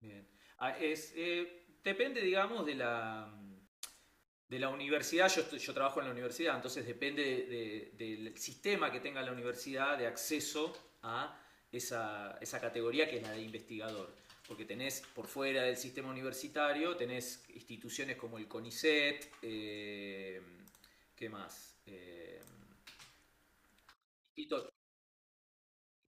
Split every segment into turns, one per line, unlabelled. Bien. Depende, digamos, de la universidad. Yo trabajo en la universidad, entonces depende del sistema que tenga la universidad de acceso a esa categoría que es la de investigador. Porque tenés por fuera del sistema universitario, tenés instituciones como el CONICET, ¿qué más?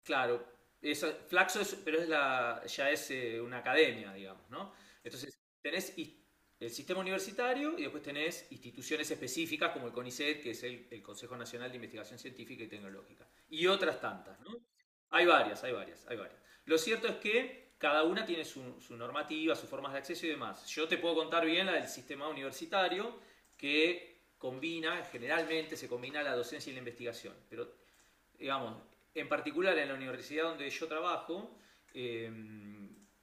Claro, eso, Flaxo es, pero es la, ya es una academia, digamos, ¿no? Entonces, el sistema universitario y después tenés instituciones específicas como el CONICET, que es el Consejo Nacional de Investigación Científica y Tecnológica, y otras tantas, ¿no? Hay varias, hay varias, hay varias. Lo cierto es que cada una tiene su normativa, sus formas de acceso y demás. Yo te puedo contar bien la del sistema universitario, que combina, generalmente se combina la docencia y la investigación, pero digamos, en particular en la universidad donde yo trabajo, eh,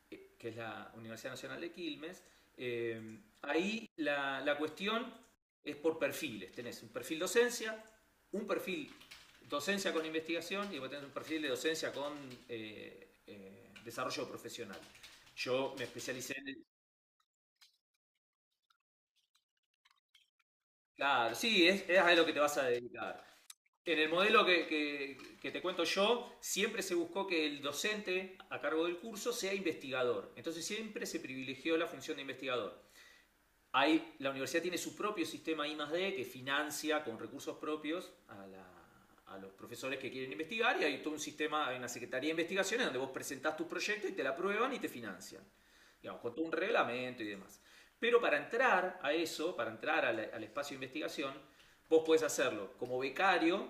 que es la Universidad Nacional de Quilmes, ahí la cuestión es por perfiles. Tenés un perfil docencia con investigación y vos tenés un perfil de docencia con desarrollo profesional. Yo me especialicé en... Claro, sí, es a lo que te vas a dedicar. En el modelo que te cuento yo, siempre se buscó que el docente a cargo del curso sea investigador. Entonces siempre se privilegió la función de investigador. Hay, la universidad tiene su propio sistema I más D que financia con recursos propios a, a los profesores que quieren investigar y hay todo un sistema, hay una secretaría de investigaciones donde vos presentás tu proyecto y te la aprueban y te financian. Digamos, con todo un reglamento y demás. Pero para entrar a eso, para entrar al espacio de investigación, vos podés hacerlo como becario,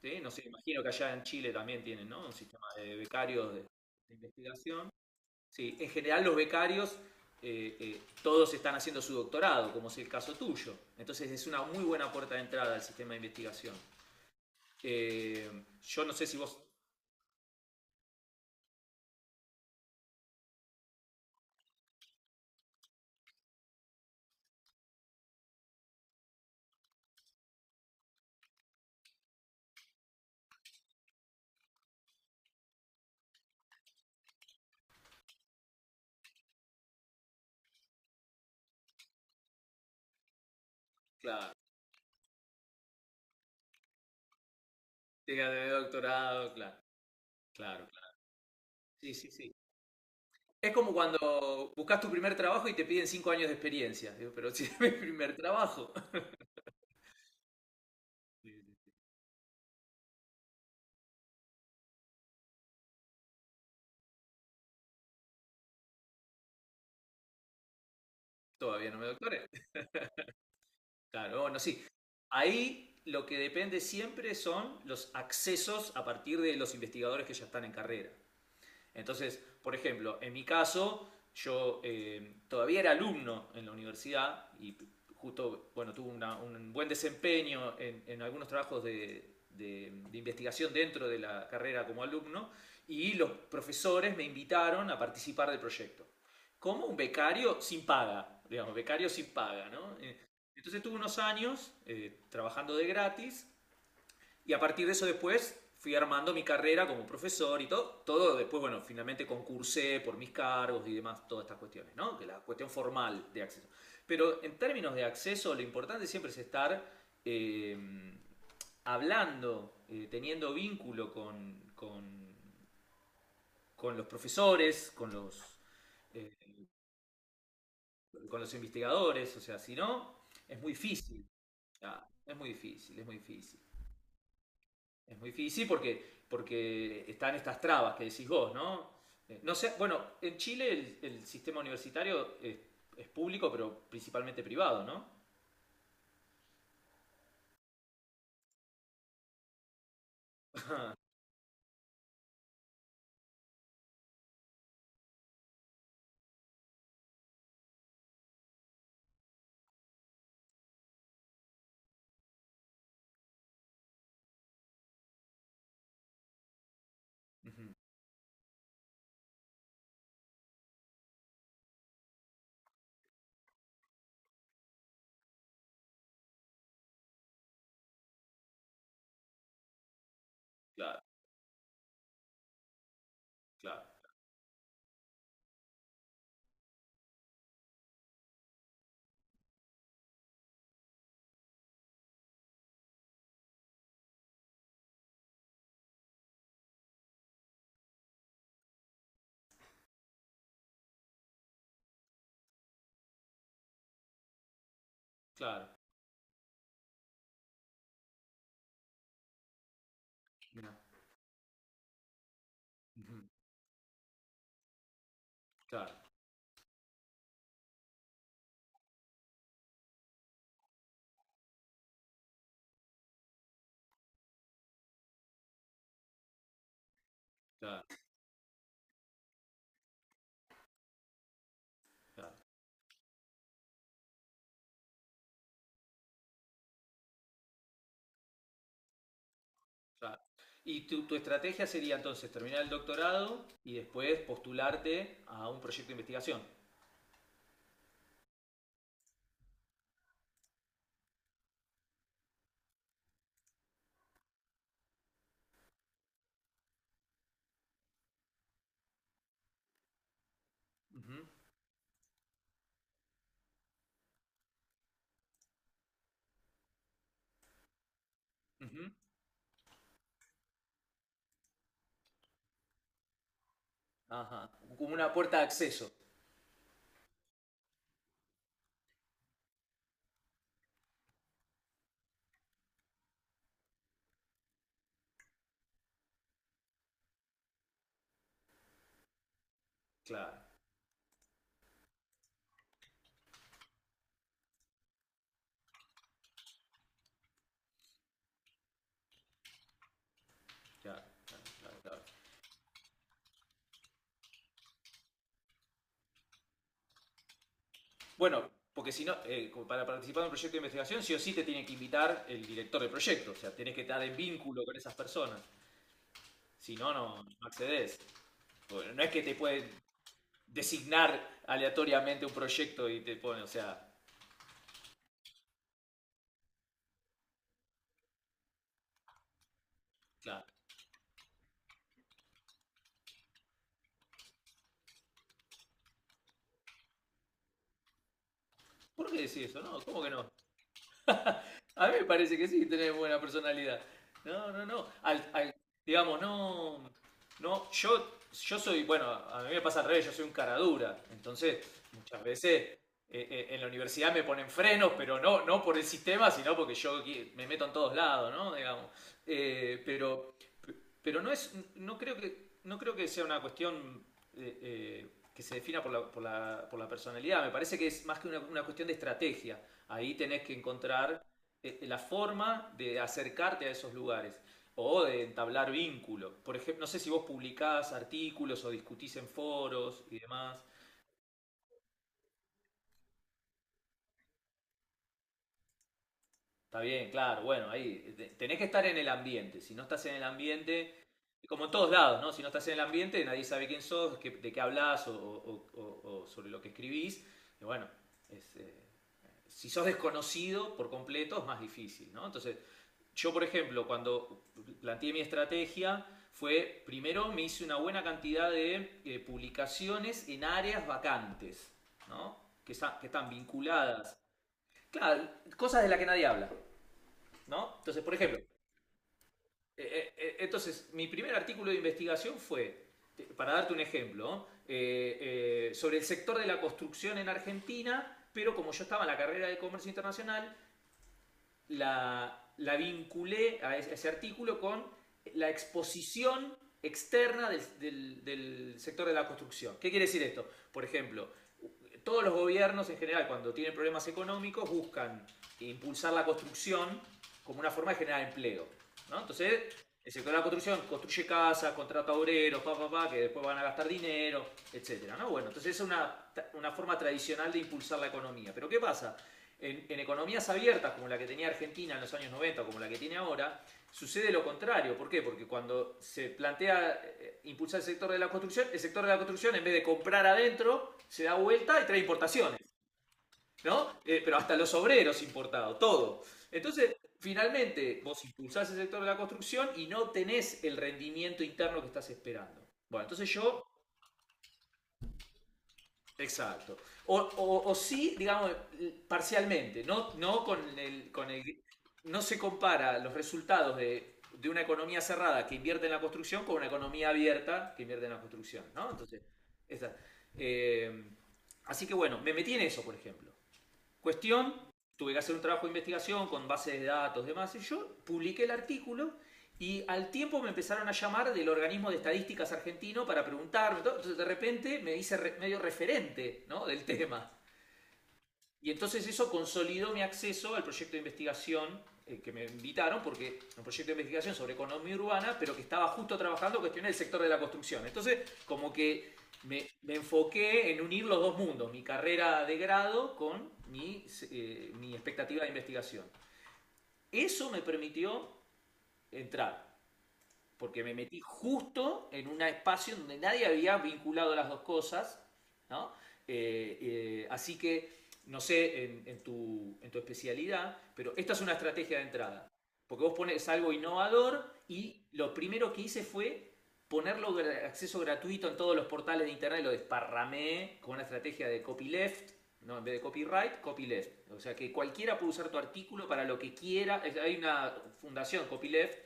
¿sí? No sé, imagino que allá en Chile también tienen, ¿no? Un sistema de becarios de investigación. Sí, en general los becarios todos están haciendo su doctorado, como es el caso tuyo. Entonces es una muy buena puerta de entrada al sistema de investigación. Eh, yo no sé si vos, claro, tengas de doctorado, claro, claro, claro. Sí, sí, sí. Es como cuando buscas tu primer trabajo y te piden 5 años de experiencia. Digo, pero si es mi primer trabajo, todavía no me doctoré. Claro, bueno, sí. Ahí lo que depende siempre son los accesos a partir de los investigadores que ya están en carrera. Entonces, por ejemplo, en mi caso, yo todavía era alumno en la universidad y justo, bueno, tuve un buen desempeño en algunos trabajos de, de investigación dentro de la carrera como alumno y los profesores me invitaron a participar del proyecto. Como un becario sin paga, digamos, becario sin paga, ¿no? Entonces tuve unos años trabajando de gratis y a partir de eso después fui armando mi carrera como profesor y todo. Todo después, bueno, finalmente concursé por mis cargos y demás, todas estas cuestiones, ¿no? Que la cuestión formal de acceso. Pero en términos de acceso, lo importante siempre es estar eh, hablando, teniendo vínculo con los profesores, eh, con los investigadores. O sea, si no, es muy difícil. Ah, es muy difícil, es muy difícil. Es muy difícil sí, porque, porque están estas trabas que decís vos, ¿no? No sé, bueno, en Chile el sistema universitario es público, pero principalmente privado, ¿no? Ujú, claro, claro, claro. Mirá, ujú, claro, claro, claro, claro. Y tu estrategia sería entonces terminar el doctorado y después postularte a un proyecto de investigación. Ujú, ujú. Ajá. Como una puerta de acceso. Claro, claro, claro, claro, claro. Bueno, porque si no, para participar en un proyecto de investigación, sí o sí te tiene que invitar el director del proyecto. O sea, tenés que estar en vínculo con esas personas. Si no, no, no accedes. Bueno, no es que te pueden designar aleatoriamente un proyecto y te ponen, o sea, claro. ¿Por qué decís eso? No, ¿cómo que no? A mí me parece que sí, tenés buena personalidad. No, no, no. Digamos, no. No, yo soy, bueno, a mí me pasa al revés, yo soy un cara dura. Entonces, muchas veces en la universidad me ponen frenos, pero no, no por el sistema, sino porque me meto en todos lados, ¿no? Digamos. Eh, pero, pero no es, no creo que, no creo que sea una cuestión eh, eh, que se defina por la por la personalidad. Me parece que es más que una cuestión de estrategia. Ahí tenés que encontrar la forma de acercarte a esos lugares o de entablar vínculo. Por ejemplo, no sé si vos publicás artículos o discutís en foros y demás. Está bien, claro, bueno, ahí tenés que estar en el ambiente. Si no estás en el ambiente, como en todos lados, ¿no? Si no estás en el ambiente, nadie sabe quién sos, de qué hablas o, o sobre lo que escribís. Y bueno, es, si sos desconocido por completo es más difícil, ¿no? Entonces, yo, por ejemplo, cuando planteé mi estrategia, fue primero me hice una buena cantidad de publicaciones en áreas vacantes, ¿no? Que, que están vinculadas. Claro, cosas de las que nadie habla, ¿no? Entonces, por ejemplo, entonces, mi primer artículo de investigación fue, para darte un ejemplo, ¿no? Sobre el sector de la construcción en Argentina, pero como yo estaba en la carrera de comercio internacional, la vinculé a ese, artículo con la exposición externa del sector de la construcción. ¿Qué quiere decir esto? Por ejemplo, todos los gobiernos en general, cuando tienen problemas económicos, buscan impulsar la construcción como una forma de generar empleo. ¿No? Entonces, el sector de la construcción construye casas, contrata obreros, pa, pa, pa, que después van a gastar dinero, etcétera. ¿No? Bueno, entonces es una forma tradicional de impulsar la economía. Pero ¿qué pasa? En economías abiertas, como la que tenía Argentina en los años 90, como la que tiene ahora, sucede lo contrario. ¿Por qué? Porque cuando se plantea impulsar el sector de la construcción, el sector de la construcción, en vez de comprar adentro, se da vuelta y trae importaciones, ¿no? Pero hasta los obreros importados, todo. Entonces, finalmente, vos impulsás el sector de la construcción y no tenés el rendimiento interno que estás esperando. Bueno, entonces yo exacto. O sí, digamos, parcialmente, no, no con el, no se compara los resultados de una economía cerrada que invierte en la construcción con una economía abierta que invierte en la construcción, ¿no? Entonces, esa- eh, así que bueno, me metí en eso, por ejemplo. Cuestión, tuve que hacer un trabajo de investigación con bases de datos, demás, y yo publiqué el artículo y al tiempo me empezaron a llamar del organismo de estadísticas argentino para preguntarme, entonces de repente me hice medio referente, ¿no? Del tema. Y entonces eso consolidó mi acceso al proyecto de investigación que me invitaron, porque un proyecto de investigación sobre economía urbana, pero que estaba justo trabajando cuestiones del sector de la construcción. Entonces, como que me enfoqué en unir los dos mundos, mi carrera de grado con mi, mi expectativa de investigación. Eso me permitió entrar porque me metí justo en un espacio donde nadie había vinculado las dos cosas, ¿no? Así que, no sé, en tu especialidad, pero esta es una estrategia de entrada, porque vos pones algo innovador y lo primero que hice fue ponerlo de acceso gratuito en todos los portales de internet, lo desparramé con una estrategia de copyleft, no, en vez de copyright, copyleft. O sea que cualquiera puede usar tu artículo para lo que quiera. Hay una fundación, copyleft,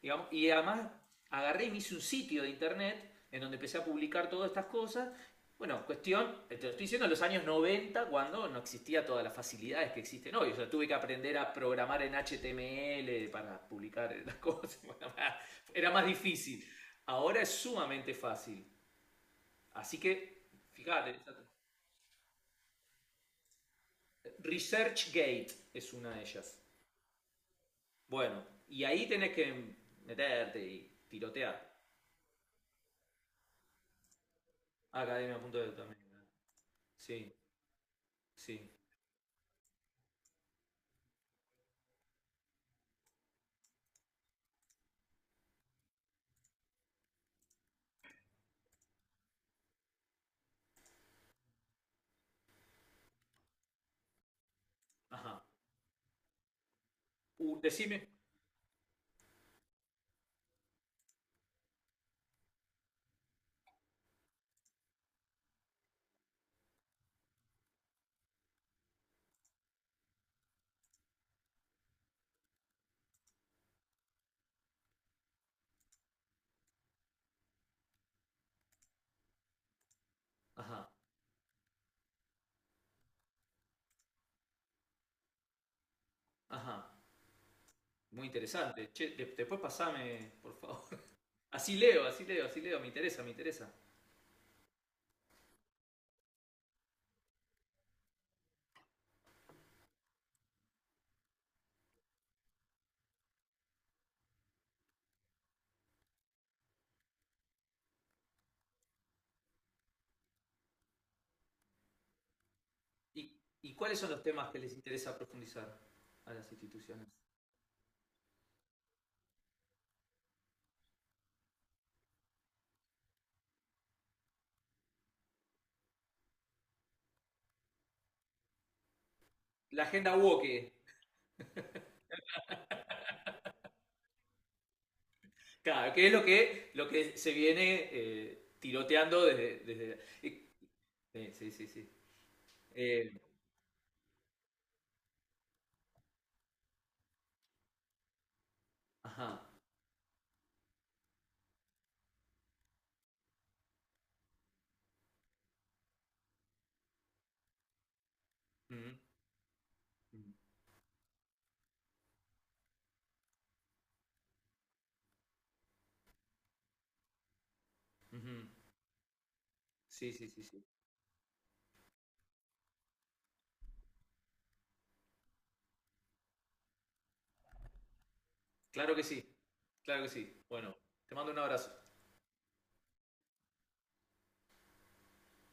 digamos, y además agarré y me hice un sitio de internet en donde empecé a publicar todas estas cosas. Bueno, cuestión, te lo estoy diciendo en los años 90 cuando no existía todas las facilidades que existen hoy. O sea, tuve que aprender a programar en HTML para publicar las cosas. Bueno, era más difícil. Ahora es sumamente fácil. Así que, fíjate, ResearchGate es una de ellas. Bueno, y ahí tenés que meterte y tirotear. Academia punto Academia.de también. Sí, sí. Ajá, uh, decime. Ajá, ajá. Muy interesante. Che, después pasame, por favor. Así leo, así leo, así leo. Me interesa, me interesa. Y cuáles son los temas que les interesa profundizar a las instituciones? La agenda woke. Claro, que es lo que se viene tiroteando desde... sí, sí, sí. Eh, ajá. Mm, mm, ujú. Sí, sí, sí, sí. Claro que sí, claro que sí. Bueno, te mando un abrazo.